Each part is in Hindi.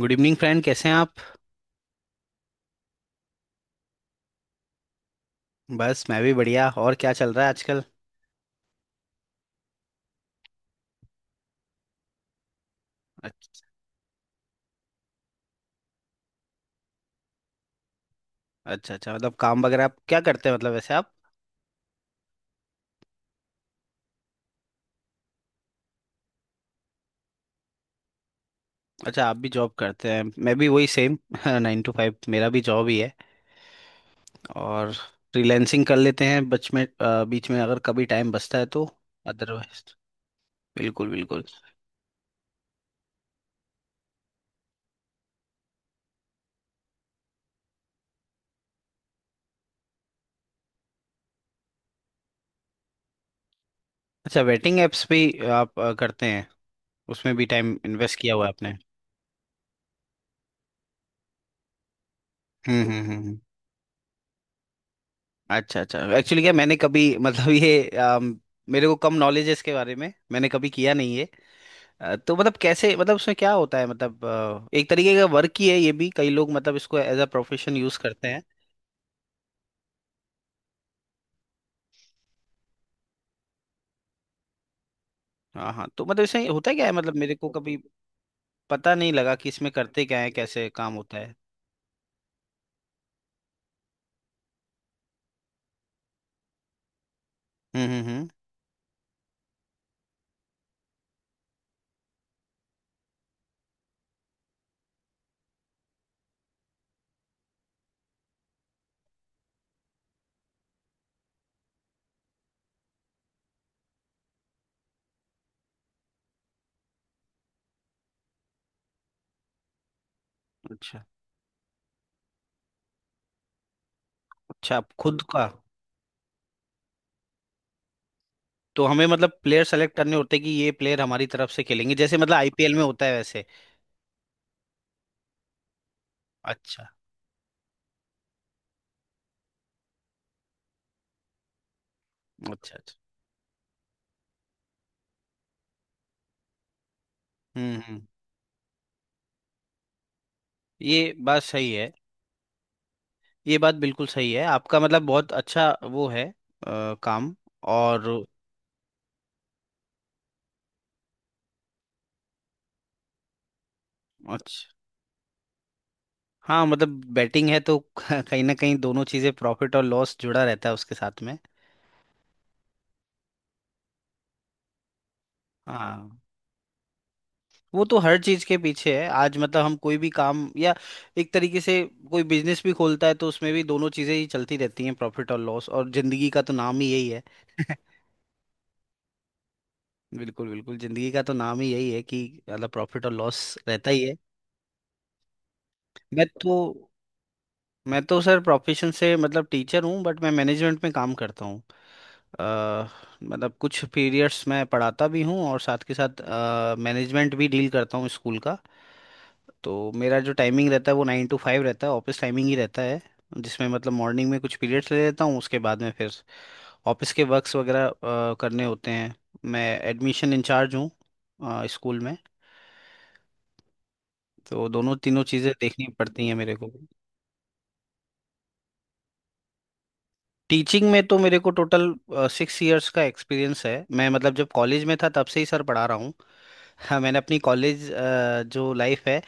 Good evening, friend. कैसे हैं आप? बस मैं भी बढ़िया। और क्या चल रहा है आजकल? अच्छ- अच्छा अच्छा, मतलब काम वगैरह आप क्या करते हैं, मतलब वैसे आप? अच्छा, आप भी जॉब करते हैं। मैं भी वही सेम 9 to 5 मेरा भी जॉब ही है। और फ्रीलैंसिंग कर लेते हैं बीच में, अगर कभी टाइम बचता है तो। अदरवाइज, बिल्कुल बिल्कुल। अच्छा, वेटिंग एप्स भी आप करते हैं? उसमें भी टाइम इन्वेस्ट किया हुआ है आपने। हम्म हम्म हम्म हम्म। अच्छा अच्छा, एक्चुअली क्या, मैंने कभी मतलब ये, मेरे को कम नॉलेज है इसके बारे में, मैंने कभी किया नहीं है। तो मतलब कैसे, मतलब उसमें क्या होता है, मतलब एक तरीके का वर्क ही है ये भी। कई लोग मतलब इसको एज अ प्रोफेशन यूज करते हैं। हाँ हाँ, तो मतलब इसमें होता क्या है, मतलब मेरे को कभी पता नहीं लगा कि इसमें करते क्या है, कैसे काम होता है। हम्म। अच्छा अच्छा। आप खुद का? तो हमें मतलब प्लेयर सेलेक्ट करने होते हैं कि ये प्लेयर हमारी तरफ से खेलेंगे, जैसे मतलब आईपीएल में होता है वैसे? अच्छा। अच्छा अच्छा। हम्म, ये बात सही है। ये बात बिल्कुल सही है, आपका मतलब बहुत अच्छा वो है काम। और? अच्छा। हाँ मतलब बैटिंग है तो कहीं ना कहीं दोनों चीजें, प्रॉफिट और लॉस, जुड़ा रहता है उसके साथ में। हाँ, वो तो हर चीज के पीछे है। आज मतलब हम कोई भी काम, या एक तरीके से कोई बिजनेस भी खोलता है, तो उसमें भी दोनों चीजें ही चलती रहती हैं, प्रॉफिट और लॉस। और जिंदगी का तो नाम ही यही है। बिल्कुल बिल्कुल, जिंदगी का तो नाम ही यही है कि मतलब प्रॉफिट और लॉस रहता ही है। मैं तो मैं तो सर प्रोफेशन से मतलब टीचर हूँ, बट मैं मैनेजमेंट में काम करता हूँ। अ, मतलब कुछ पीरियड्स मैं पढ़ाता भी हूँ, और साथ के साथ मैनेजमेंट भी डील करता हूँ स्कूल का। तो मेरा जो टाइमिंग रहता है वो 9 to 5 रहता है, ऑफिस टाइमिंग ही रहता है। जिसमें मतलब मॉर्निंग में कुछ पीरियड्स ले लेता हूँ, उसके बाद में फिर ऑफिस के वर्क्स वगैरह करने होते हैं। मैं एडमिशन इंचार्ज हूँ स्कूल में। तो दोनों तीनों चीज़ें देखनी पड़ती हैं मेरे को। टीचिंग में तो मेरे को टोटल 6 years का एक्सपीरियंस है। मैं मतलब जब कॉलेज में था तब से ही सर पढ़ा रहा हूँ हाँ, मैंने अपनी कॉलेज जो लाइफ है,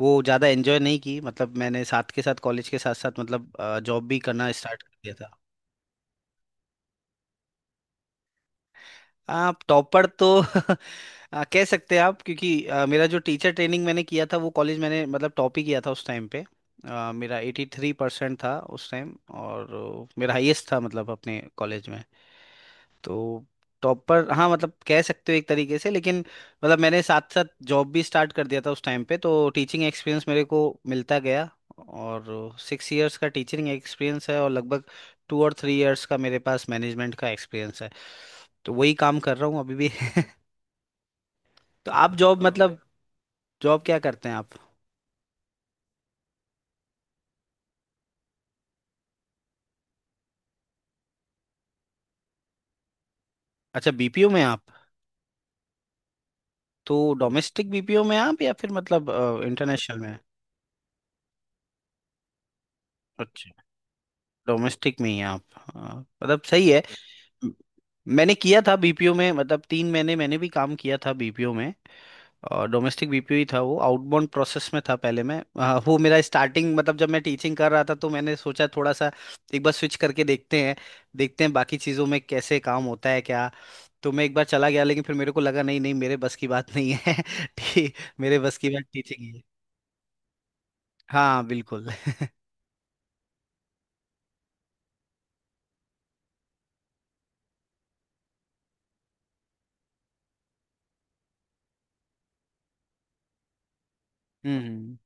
वो ज़्यादा एंजॉय नहीं की। मतलब मैंने साथ के साथ कॉलेज के साथ साथ मतलब जॉब भी करना स्टार्ट कर दिया था। आप टॉपर, तो कह सकते हैं आप, क्योंकि मेरा जो टीचर ट्रेनिंग मैंने किया था वो कॉलेज मैंने मतलब टॉप ही किया था उस टाइम पे। मेरा 83% था उस टाइम। और मेरा हाईएस्ट था मतलब अपने कॉलेज में। तो टॉप पर, हाँ मतलब कह सकते हो एक तरीके से, लेकिन मतलब मैंने साथ साथ जॉब भी स्टार्ट कर दिया था उस टाइम पे। तो टीचिंग एक्सपीरियंस मेरे को मिलता गया। और 6 years का टीचिंग एक्सपीरियंस है, और लगभग 2 and 3 years का मेरे पास मैनेजमेंट का एक्सपीरियंस है। तो वही काम कर रहा हूँ अभी भी। तो आप जॉब, मतलब जॉब क्या करते हैं आप? अच्छा, बीपीओ में आप? तो डोमेस्टिक बीपीओ में आप, या फिर मतलब इंटरनेशनल में? अच्छा, डोमेस्टिक में ही हैं आप। हाँ, मतलब सही है। मैंने किया था बीपीओ में, मतलब 3 महीने मैंने भी काम किया था बीपीओ में। और डोमेस्टिक बीपीओ ही था वो, आउटबाउंड प्रोसेस में था। पहले मैं वो मेरा स्टार्टिंग, मतलब जब मैं टीचिंग कर रहा था तो मैंने सोचा थोड़ा सा एक बार स्विच करके देखते हैं, देखते हैं बाकी चीज़ों में कैसे काम होता है क्या। तो मैं एक बार चला गया, लेकिन फिर मेरे को लगा नहीं नहीं, मेरे बस की बात नहीं है ठीक, मेरे बस की बात टीचिंग ही है। हाँ बिल्कुल। हम्म हम्म।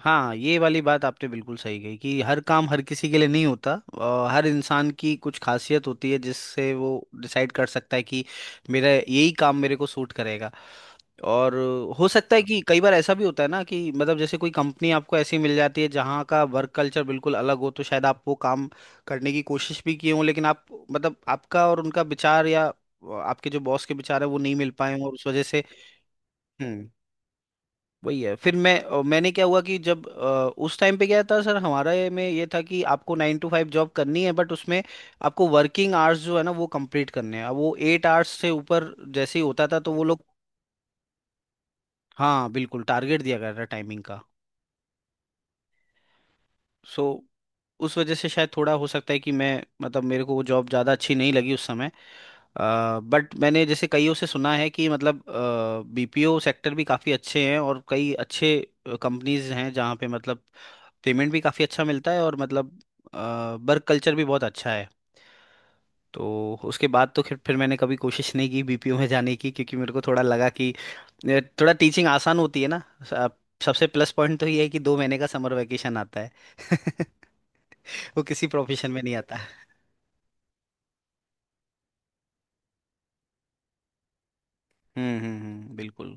हाँ, ये वाली बात आपने बिल्कुल सही कही कि हर काम हर किसी के लिए नहीं होता। हर इंसान की कुछ खासियत होती है जिससे वो डिसाइड कर सकता है कि मेरा यही काम मेरे को सूट करेगा। और हो सकता है कि कई बार ऐसा भी होता है ना, कि मतलब जैसे कोई कंपनी आपको ऐसी मिल जाती है जहाँ का वर्क कल्चर बिल्कुल अलग हो, तो शायद आप वो काम करने की कोशिश भी किए हों, लेकिन आप मतलब आपका और उनका विचार, या आपके जो बॉस के विचार है वो नहीं मिल पाए हों, और उस वजह से वही है। फिर मैं, मैंने क्या हुआ कि जब उस टाइम पे गया था सर, हमारे में ये था कि आपको 9 to 5 जॉब करनी है, बट उसमें आपको वर्किंग आवर्स जो है ना वो कंप्लीट करने हैं। अब वो 8 hours से ऊपर जैसे ही होता था, तो वो लोग... हाँ बिल्कुल, टारगेट दिया गया था टाइमिंग का। सो उस वजह से शायद थोड़ा हो सकता है कि मैं, मतलब मेरे को वो जॉब ज़्यादा अच्छी नहीं लगी उस समय। बट मैंने जैसे कईयों से सुना है कि मतलब बीपीओ सेक्टर भी काफ़ी अच्छे हैं, और कई अच्छे कंपनीज हैं जहाँ पे मतलब पेमेंट भी काफ़ी अच्छा मिलता है और मतलब वर्क कल्चर भी बहुत अच्छा है। तो उसके बाद तो फिर मैंने कभी कोशिश नहीं की बीपीओ में जाने की, क्योंकि मेरे को थोड़ा लगा कि ये थोड़ा, टीचिंग आसान होती है ना। स- आप- सबसे प्लस पॉइंट तो ये है कि 2 महीने का समर वैकेशन आता है वो किसी प्रोफेशन में नहीं आता। बिल्कुल।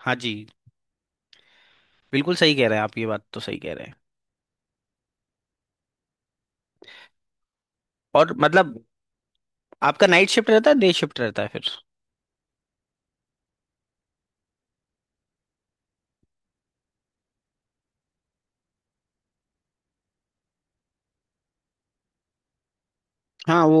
हाँ जी, बिल्कुल सही कह रहे हैं आप, ये बात तो सही कह रहे हैं। और मतलब आपका नाइट शिफ्ट रहता है, डे शिफ्ट रहता है फिर? हाँ वो,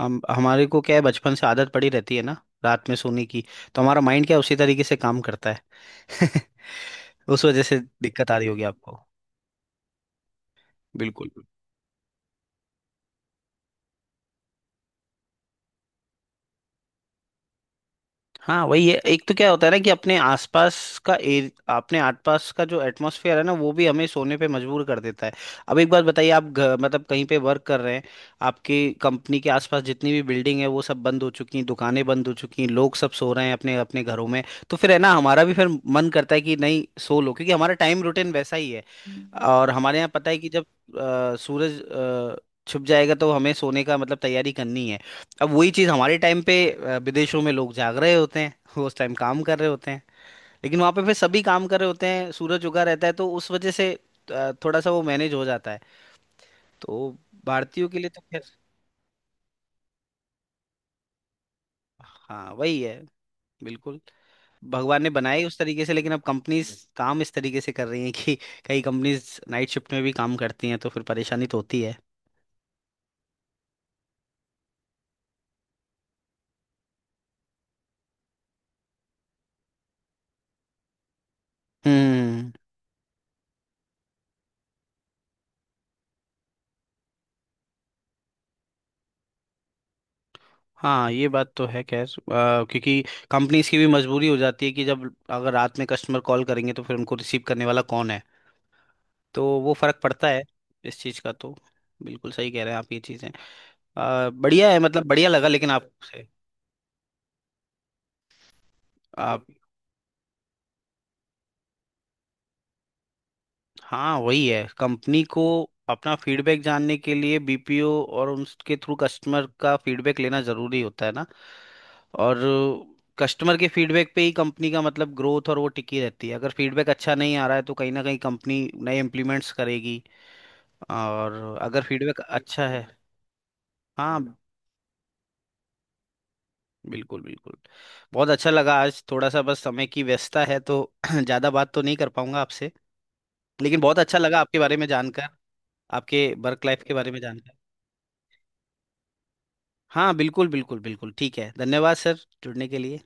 हम हमारे को क्या है, बचपन से आदत पड़ी रहती है ना रात में सोने की। तो हमारा माइंड क्या है, उसी तरीके से काम करता है उस वजह से दिक्कत आ रही होगी आपको। बिल्कुल। हाँ वही है, एक तो क्या होता है ना कि अपने आसपास का अपने आसपास का जो एटमॉस्फेयर है ना वो भी हमें सोने पे मजबूर कर देता है। अब एक बात बताइए, आप मतलब कहीं पे वर्क कर रहे हैं, आपकी कंपनी के आसपास जितनी भी बिल्डिंग है वो सब बंद हो चुकी हैं, दुकानें बंद हो चुकी हैं, लोग सब सो रहे हैं अपने अपने घरों में। तो फिर है ना, हमारा भी फिर मन करता है कि नहीं सो लो, क्योंकि हमारा टाइम रूटीन वैसा ही है। और हमारे यहाँ पता है कि जब सूरज छुप जाएगा तो हमें सोने का मतलब तैयारी करनी है। अब वही चीज हमारे टाइम पे, विदेशों में लोग जाग रहे होते हैं वो उस टाइम काम कर रहे होते हैं। लेकिन वहां पे फिर सभी काम कर रहे होते हैं, सूरज उगा रहता है, तो उस वजह से थोड़ा सा वो मैनेज हो जाता है। तो भारतीयों के लिए तो खैर... हाँ वही है। बिल्कुल। भगवान ने बनाए उस तरीके से, लेकिन अब कंपनीज काम इस तरीके से कर रही हैं कि कई कंपनीज नाइट शिफ्ट में भी काम करती हैं, तो फिर परेशानी तो होती है। हम्म। हाँ ये बात तो है। खैर क्योंकि कंपनीज की भी मजबूरी हो जाती है कि जब, अगर रात में कस्टमर कॉल करेंगे तो फिर उनको रिसीव करने वाला कौन है। तो वो फर्क पड़ता है इस चीज का तो। बिल्कुल सही कह रहे हैं आप, ये चीजें बढ़िया है, मतलब बढ़िया लगा लेकिन आपसे। आप। हाँ वही है, कंपनी को अपना फीडबैक जानने के लिए बीपीओ, और उसके थ्रू कस्टमर का फीडबैक लेना जरूरी होता है ना। और कस्टमर के फीडबैक पे ही कंपनी का मतलब ग्रोथ और वो टिकी रहती है। अगर फीडबैक अच्छा नहीं आ रहा है तो कहीं ना कहीं कंपनी नए इम्प्लीमेंट्स करेगी, और अगर फीडबैक अच्छा है... हाँ बिल्कुल बिल्कुल। बहुत अच्छा लगा आज, थोड़ा सा बस समय की व्यस्तता है तो ज़्यादा बात तो नहीं कर पाऊंगा आपसे। लेकिन बहुत अच्छा लगा आपके बारे में जानकर, आपके वर्क लाइफ के बारे में जानकर। हाँ बिल्कुल बिल्कुल बिल्कुल, ठीक है, धन्यवाद सर जुड़ने के लिए।